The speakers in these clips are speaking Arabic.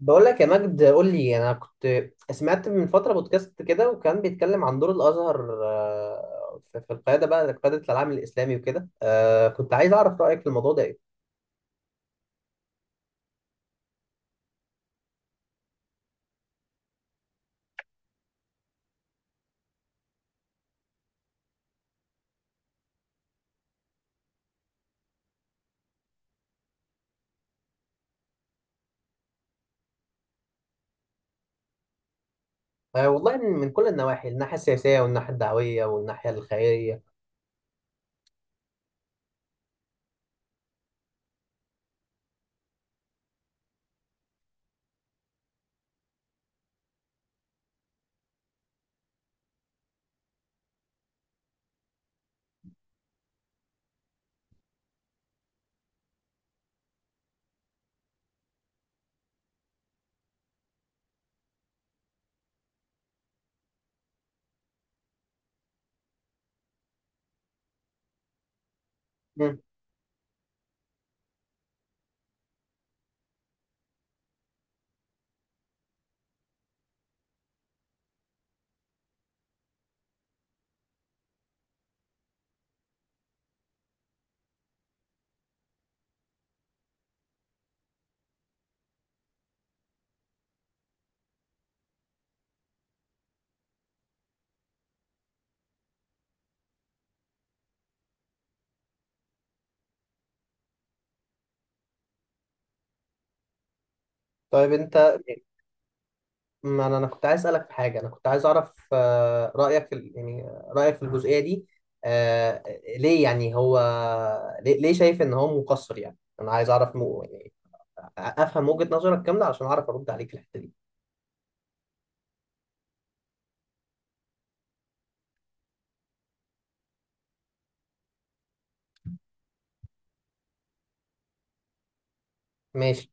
بقول لك يا مجد، قول لي. انا كنت سمعت من فتره بودكاست كده، وكان بيتكلم عن دور الازهر، في القياده، بقى قياده العالم الاسلامي وكده. كنت عايز اعرف رايك في الموضوع ده ايه؟ والله من كل النواحي، الناحيه السياسيه والناحيه الدعويه والناحيه الخيريه. مم. طيب انت. ما أنا كنت عايز اسالك في حاجه، انا كنت عايز اعرف رايك في يعني رايك في الجزئيه دي. آه، ليه؟ يعني هو ليه شايف ان هو مقصر؟ يعني انا عايز اعرف، افهم وجهة نظرك كاملة عشان اعرف ارد عليك في الحتة دي. ماشي.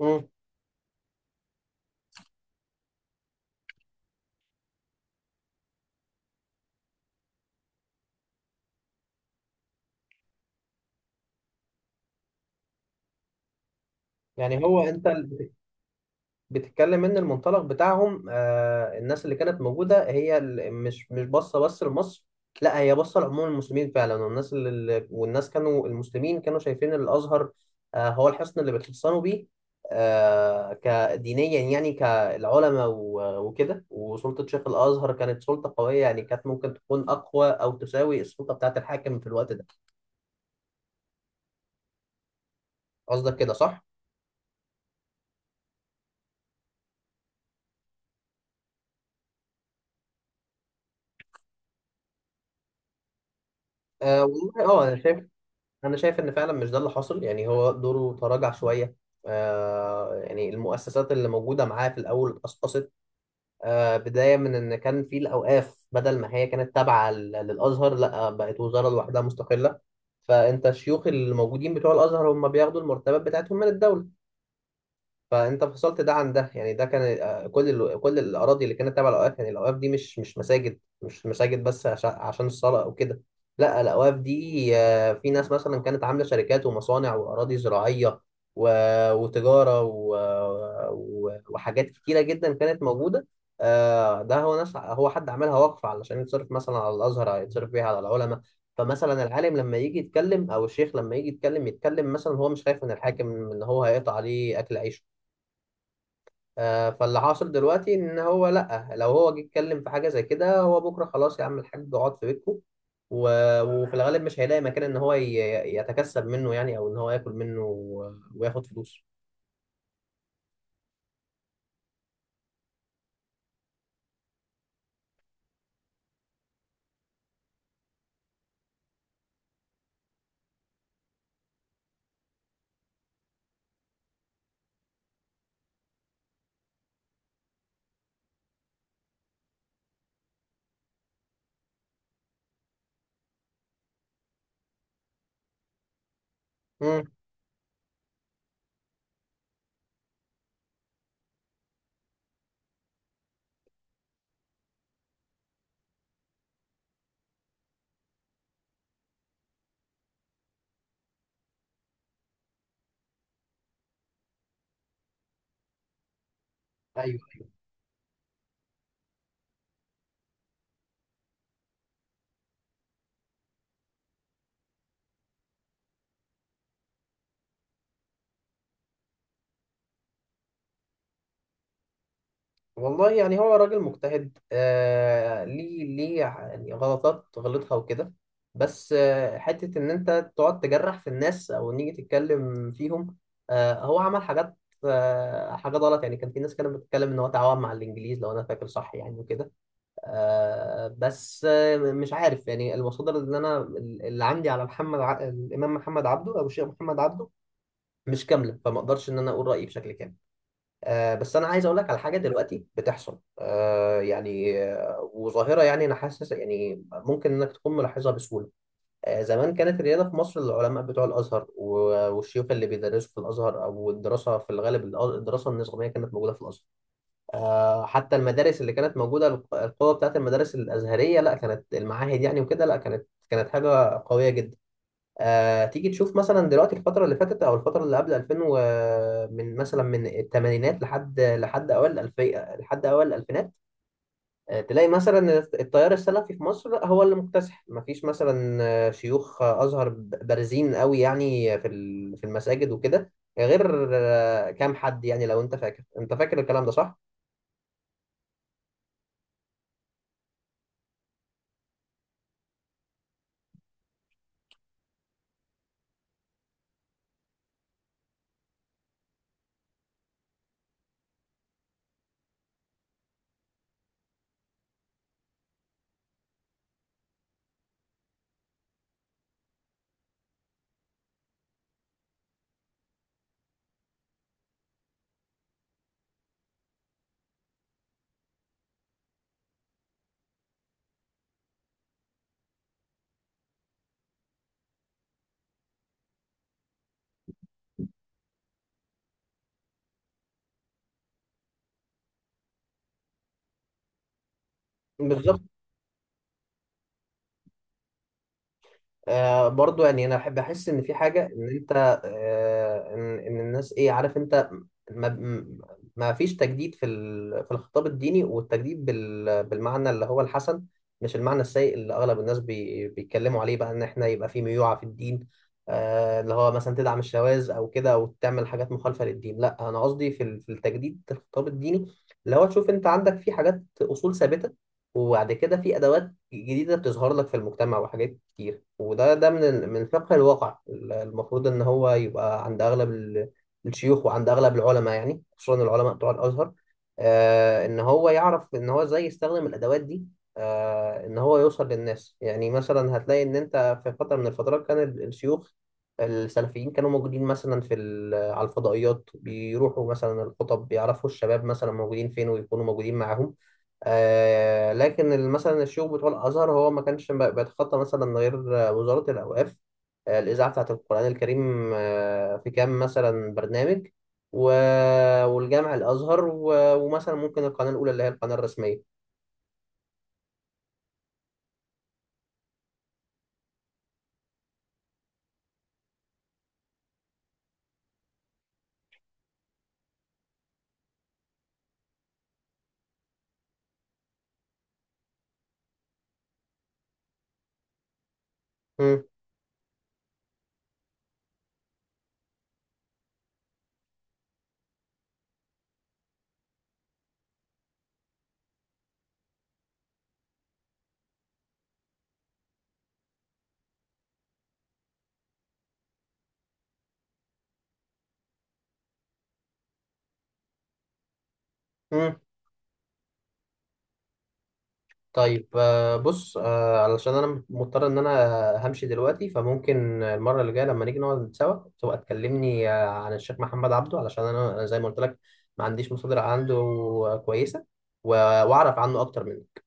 امم. يعني هو، انت بتتكلم ان المنطلق بتاعهم، الناس اللي كانت موجودة هي مش باصة بس لمصر، لا هي باصة لعموم المسلمين فعلا. والناس كانوا المسلمين كانوا شايفين إن الازهر هو الحصن اللي بيتحصنوا بيه كدينيا، يعني كالعلماء وكده. وسلطة شيخ الازهر كانت سلطة قوية، يعني كانت ممكن تكون اقوى او تساوي السلطة بتاعت الحاكم في الوقت ده. قصدك كده صح؟ أه والله، انا شايف ان فعلا مش ده اللي حصل. يعني هو دوره تراجع شويه. يعني المؤسسات اللي موجوده معاه في الاول اتقصقصت. بدايه من ان كان في الاوقاف، بدل ما هي كانت تابعه للازهر، لا بقت وزاره لوحدها مستقله. فانت الشيوخ اللي موجودين بتوع الازهر هم بياخدوا المرتبات بتاعتهم من الدوله، فانت فصلت ده عن ده. يعني ده كان، كل الاراضي اللي كانت تابعه للاوقاف. يعني الاوقاف دي مش مساجد، مش مساجد بس عشان الصلاه او كده، لا الاوقاف دي في ناس مثلا كانت عامله شركات ومصانع واراضي زراعيه و... وتجاره وحاجات كتيره جدا كانت موجوده. ده هو ناس، هو حد عملها وقف علشان يتصرف مثلا على الازهر، يتصرف بيها على العلماء. فمثلا العالم لما يجي يتكلم، او الشيخ لما يجي يتكلم مثلا هو مش خايف من الحاكم ان هو هيقطع عليه اكل عيشه. فاللي حاصل دلوقتي ان هو، لا لو هو جه اتكلم في حاجه زي كده، هو بكره خلاص يا عم الحاج اقعد في بيتكم. و... وفي الغالب مش هيلاقي مكان ان هو يتكسب منه، يعني او ان هو ياكل منه وياخد فلوس. امم. والله يعني هو راجل مجتهد، ليه ليه يعني غلطات غلطها وكده، بس حتة إن أنت تقعد تجرح في الناس أو نيجي تتكلم فيهم. هو عمل حاجات، حاجات غلط. يعني كان في ناس كانت بتتكلم إن هو تعاون مع الإنجليز، لو أنا فاكر صح، يعني وكده. بس مش عارف، يعني المصادر اللي أنا اللي عندي على الإمام محمد عبده أو الشيخ محمد عبده مش كاملة، فما أقدرش إن أنا أقول رأيي بشكل كامل. بس انا عايز اقول لك على حاجه دلوقتي بتحصل، يعني وظاهره. يعني انا حاسس يعني ممكن انك تكون ملاحظها بسهوله. زمان كانت الرياضه في مصر، العلماء بتوع الازهر والشيوخ اللي بيدرسوا في الازهر، او الدراسه في الغالب، الدراسه النظاميه كانت موجوده في الازهر. حتى المدارس اللي كانت موجوده، القوه بتاعت المدارس الازهريه، لا كانت المعاهد يعني وكده، لا كانت حاجه قويه جدا. تيجي تشوف مثلا دلوقتي الفترة اللي فاتت أو الفترة اللي قبل 2000 و، من مثلا من الثمانينات لحد أوائل الألفية لحد أوائل الألفينات. تلاقي مثلا التيار السلفي في مصر هو اللي مكتسح. مفيش مثلا شيوخ أزهر بارزين قوي يعني في في المساجد وكده، غير كام حد. يعني لو أنت فاكر، أنت فاكر الكلام ده صح؟ بالظبط. برضو يعني انا احب احس ان في حاجه ان انت، ان الناس، ايه عارف انت ما م- ما فيش تجديد في في الخطاب الديني. والتجديد بالمعنى اللي هو الحسن، مش المعنى السيء اللي اغلب الناس بيتكلموا عليه بقى ان احنا يبقى في ميوعه في الدين. اللي هو مثلا تدعم الشواذ او كده، او تعمل حاجات مخالفه للدين، لا انا قصدي في في التجديد في الخطاب الديني اللي هو تشوف انت عندك في حاجات اصول ثابته، وبعد كده في ادوات جديدة بتظهر لك في المجتمع وحاجات كتير. وده ده من من فقه الواقع. المفروض إن هو يبقى عند أغلب الشيوخ وعند أغلب العلماء، يعني خصوصا العلماء بتوع الأزهر. إن هو يعرف إن هو إزاي يستخدم الأدوات دي، إن هو يوصل للناس. يعني مثلا هتلاقي إن أنت في فترة من الفترات كان الشيوخ السلفيين كانوا موجودين مثلا في على الفضائيات، بيروحوا مثلا الخطب، بيعرفوا الشباب مثلا موجودين فين، ويكونوا موجودين معاهم. لكن مثلا الشيوخ بتوع الازهر هو ما كانش بيتخطى مثلا غير وزاره الاوقاف، الاذاعه بتاعه القران الكريم، في كام مثلا برنامج و... والجامع الازهر ومثلا ممكن القناه الاولى اللي هي القناه الرسميه. مم. مم. طيب، بص، علشان انا مضطر ان انا همشي دلوقتي، فممكن المره اللي جايه لما نيجي نقعد سوا تبقى تكلمني عن الشيخ محمد عبده، علشان انا، أنا زي ما قلت لك ما عنديش مصادر عنده كويسه و- واعرف عنه اكتر منك.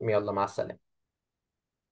يلا، مع السلامه.